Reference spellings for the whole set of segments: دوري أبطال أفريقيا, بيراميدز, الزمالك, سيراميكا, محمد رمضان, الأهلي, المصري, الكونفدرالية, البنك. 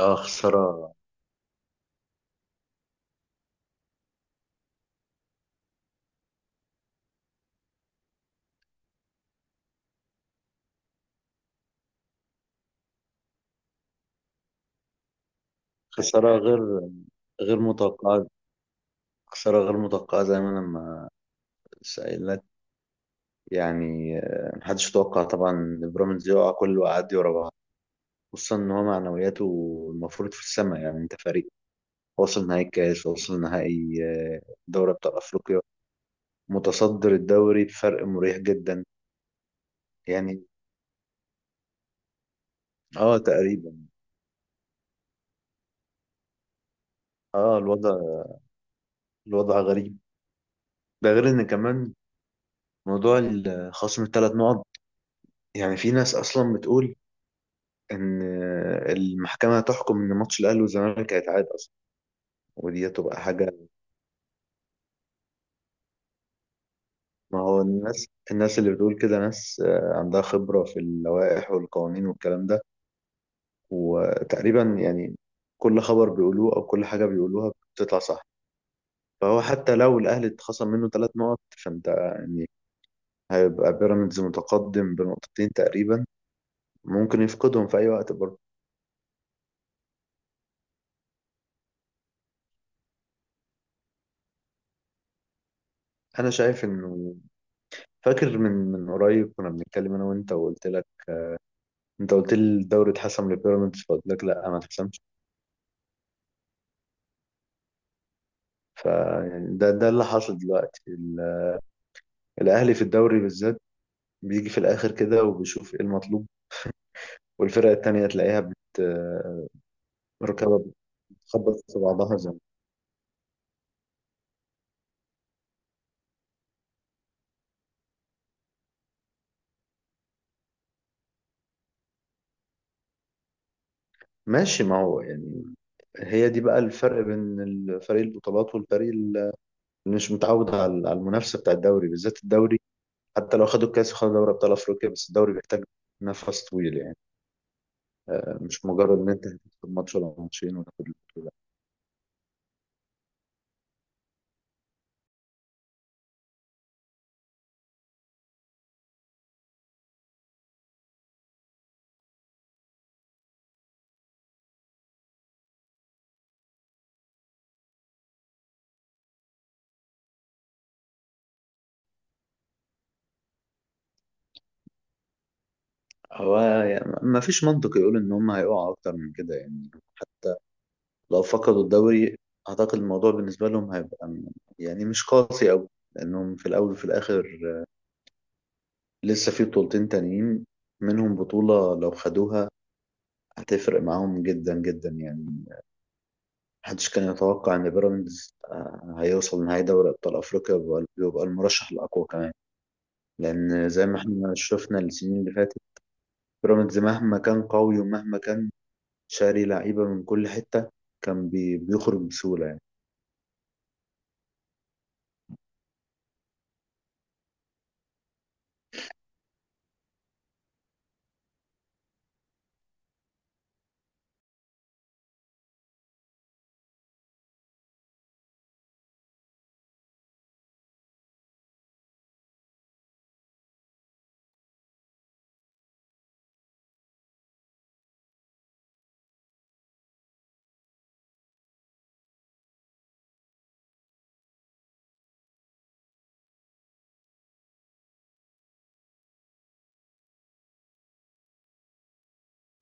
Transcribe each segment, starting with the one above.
اه خسارة خسارة غير غير متوقعة. خسارة غير متوقعة زي ما أنا لما سأل لك، يعني محدش يتوقع طبعا إن بيراميدز يقع كل وقعات دي ورا بعض، خصوصا إن هو معنوياته المفروض في السماء. يعني أنت فريق واصل نهائي الكاس، واصل نهائي دوري أبطال أفريقيا، متصدر الدوري بفرق مريح جدا يعني. اه تقريبا. اه الوضع، الوضع غريب. ده غير إن كمان موضوع خصم ال3 نقط. يعني في ناس أصلا بتقول ان المحكمه تحكم ان ماتش الاهلي والزمالك هيتعاد اصلا، ودي هتبقى حاجه. ما هو الناس اللي بتقول كده ناس عندها خبره في اللوائح والقوانين والكلام ده، وتقريبا يعني كل خبر بيقولوه او كل حاجه بيقولوها بتطلع صح. فهو حتى لو الاهلي اتخصم منه 3 نقط فانت يعني هيبقى بيراميدز متقدم بـ2 نقطة تقريبا، ممكن يفقدهم في اي وقت برضه. انا شايف انه فاكر من قريب كنا بنتكلم انا وانت وقلت لك، انت قلت لي الدوري اتحسم لبيراميدز فقلت لك لا ما اتحسمش. فيعني ده اللي حاصل دلوقتي. الاهلي في الدوري بالذات بيجي في الاخر كده وبيشوف ايه المطلوب، والفرق التانية تلاقيها ركبها بتخبط في بعضها زي ماشي. ما هو يعني هي دي بقى الفرق بين فريق البطولات والفريق اللي مش متعود على المنافسة بتاع الدوري بالذات. الدوري حتى لو خدوا الكاس وخدوا دوري ابطال افريقيا، بس الدوري بيحتاج نفس طويل يعني، مش مجرد ان انت هتكسب ماتش ولا 2 ماتش وتاخد البطولة. هو يعني ما فيش منطق يقول ان هم هيقعوا اكتر من كده يعني. لو فقدوا الدوري اعتقد الموضوع بالنسبه لهم هيبقى يعني مش قاسي قوي، لانهم في الاول وفي الاخر لسه في 2 بطولة تانيين، منهم بطوله لو خدوها هتفرق معاهم جدا جدا يعني. محدش كان يتوقع ان بيراميدز هيوصل نهائي دوري ابطال افريقيا ويبقى المرشح الاقوى كمان، لان زي ما احنا شفنا السنين اللي فاتت بيراميدز مهما كان قوي ومهما كان شاري لعيبة من كل حتة كان بيخرج بسهولة يعني.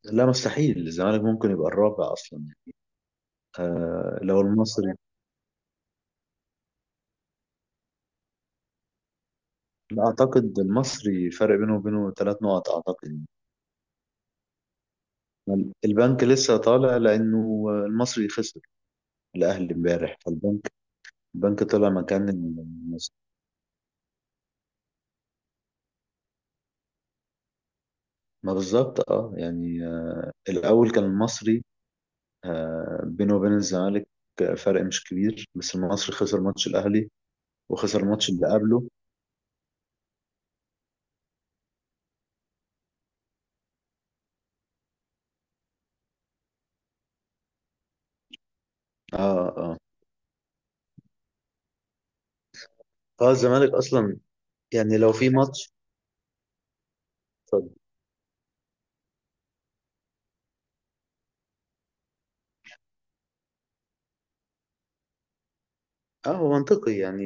لا، مستحيل. الزمالك ممكن يبقى الرابع أصلا يعني. آه لو المصري. لا أعتقد المصري فرق بينه وبينه 3 نقط أعتقد. يعني. البنك لسه طالع لأنه المصري خسر الأهلي امبارح، فالبنك البنك طلع مكان المصري. ما بالظبط، اه يعني الأول كان المصري آه بينه وبين الزمالك فرق مش كبير، بس المصري خسر ماتش الأهلي وخسر الماتش اللي قبله. اه اه. اه الزمالك اصلا. يعني لو في ماتش. اتفضل. اه هو منطقي يعني.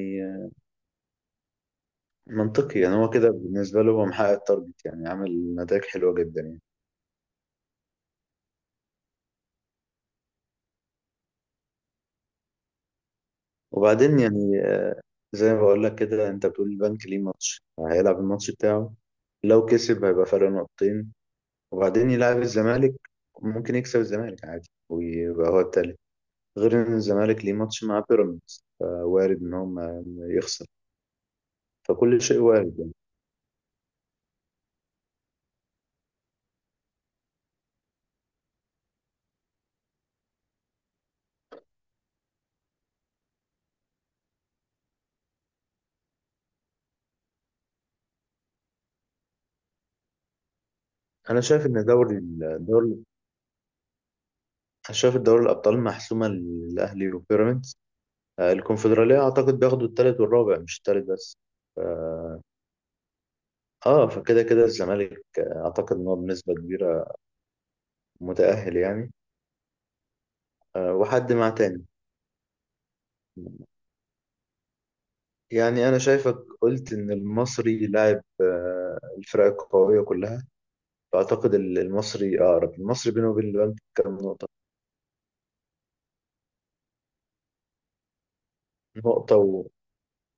منطقي يعني. هو كده بالنسبة له هو محقق التارجت يعني، عامل نتائج حلوة جدا يعني. وبعدين يعني زي ما بقول لك كده، انت بتقول البنك ليه ماتش هيلعب الماتش بتاعه، لو كسب هيبقى فرق 2 نقطة، وبعدين يلعب الزمالك، ممكن يكسب الزمالك عادي ويبقى هو التالت. غير ان الزمالك ليه ماتش مع بيراميدز، فوارد ان هو ما يخسر. فكل شيء وارد يعني. انا شايف ان دوري الدوري شايف دوري الابطال محسومة للاهلي وبيراميدز. الكونفدرالية أعتقد بياخدوا التالت والرابع، مش التالت بس. اه فكده كده الزمالك أعتقد إن هو بنسبة كبيرة متأهل يعني. وحد مع تاني. يعني أنا شايفك قلت إن المصري لاعب الفرق القوية كلها، فأعتقد المصري أقرب. المصري بينه وبين البنك كام نقطة؟ نقطة و...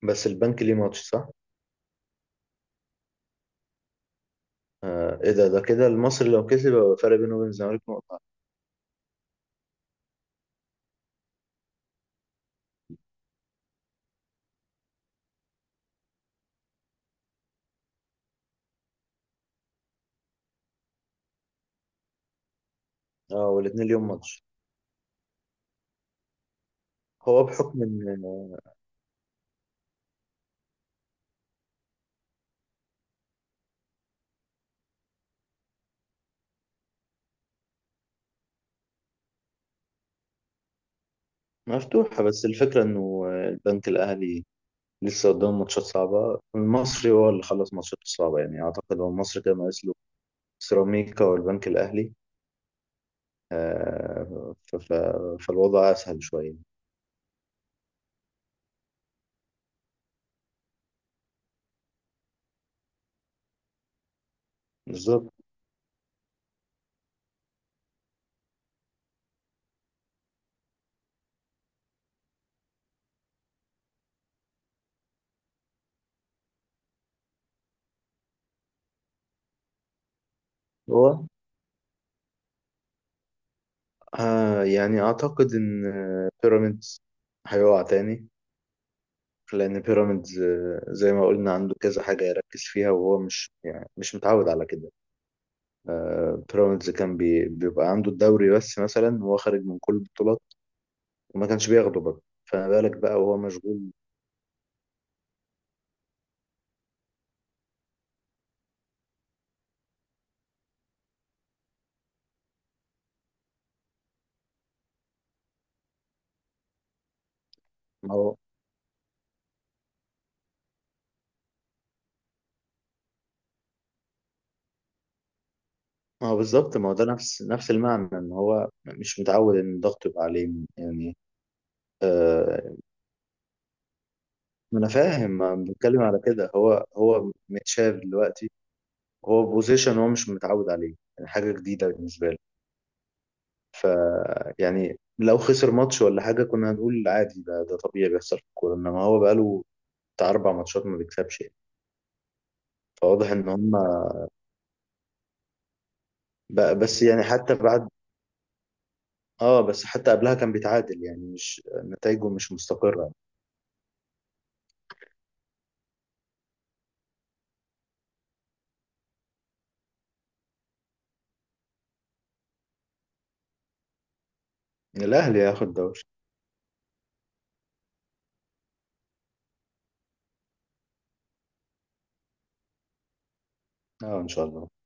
بس البنك ليه ماتش صح؟ آه إيه ده كده المصري لو كسب يبقى الفرق بينه وبين الزمالك نقطة. اه والاتنين ليهم ماتش. هو بحكم إن. مفتوحة، بس الفكرة إنه البنك الأهلي لسه قدام ماتشات صعبة. المصري هو اللي خلص ماتشاته الصعبة يعني. أعتقد هو المصري كان ناقص له سيراميكا والبنك الأهلي، فالوضع أسهل شوية. بالظبط. هو يعني أعتقد إن بيراميدز هيقع تاني، لأن بيراميدز زي ما قلنا عنده كذا حاجة يركز فيها، وهو مش يعني مش متعود على كده. بيراميدز كان بيبقى عنده الدوري بس مثلا، هو خارج من كل البطولات وما كانش بياخده بقى، فما بالك بقى وهو مشغول. ما هو ما هو بالظبط، ما هو ده نفس المعنى، ان هو مش متعود ان الضغط يبقى عليه يعني. آه ما انا فاهم، ما أنا بتكلم على كده. هو هو متشاف دلوقتي، هو بوزيشن هو مش متعود عليه، يعني حاجه جديده بالنسبه له. يعني لو خسر ماتش ولا حاجه كنا هنقول عادي، ده ده طبيعي بيحصل في الكوره، انما هو بقاله بتاع 4 ماتشات ما بيكسبش يعني. فواضح ان هم بقى بس يعني حتى بعد. اه بس حتى قبلها كان بيتعادل يعني، مش نتائجه مش مستقرة. يعني الأهلي هياخد دوري. اه إن شاء الله.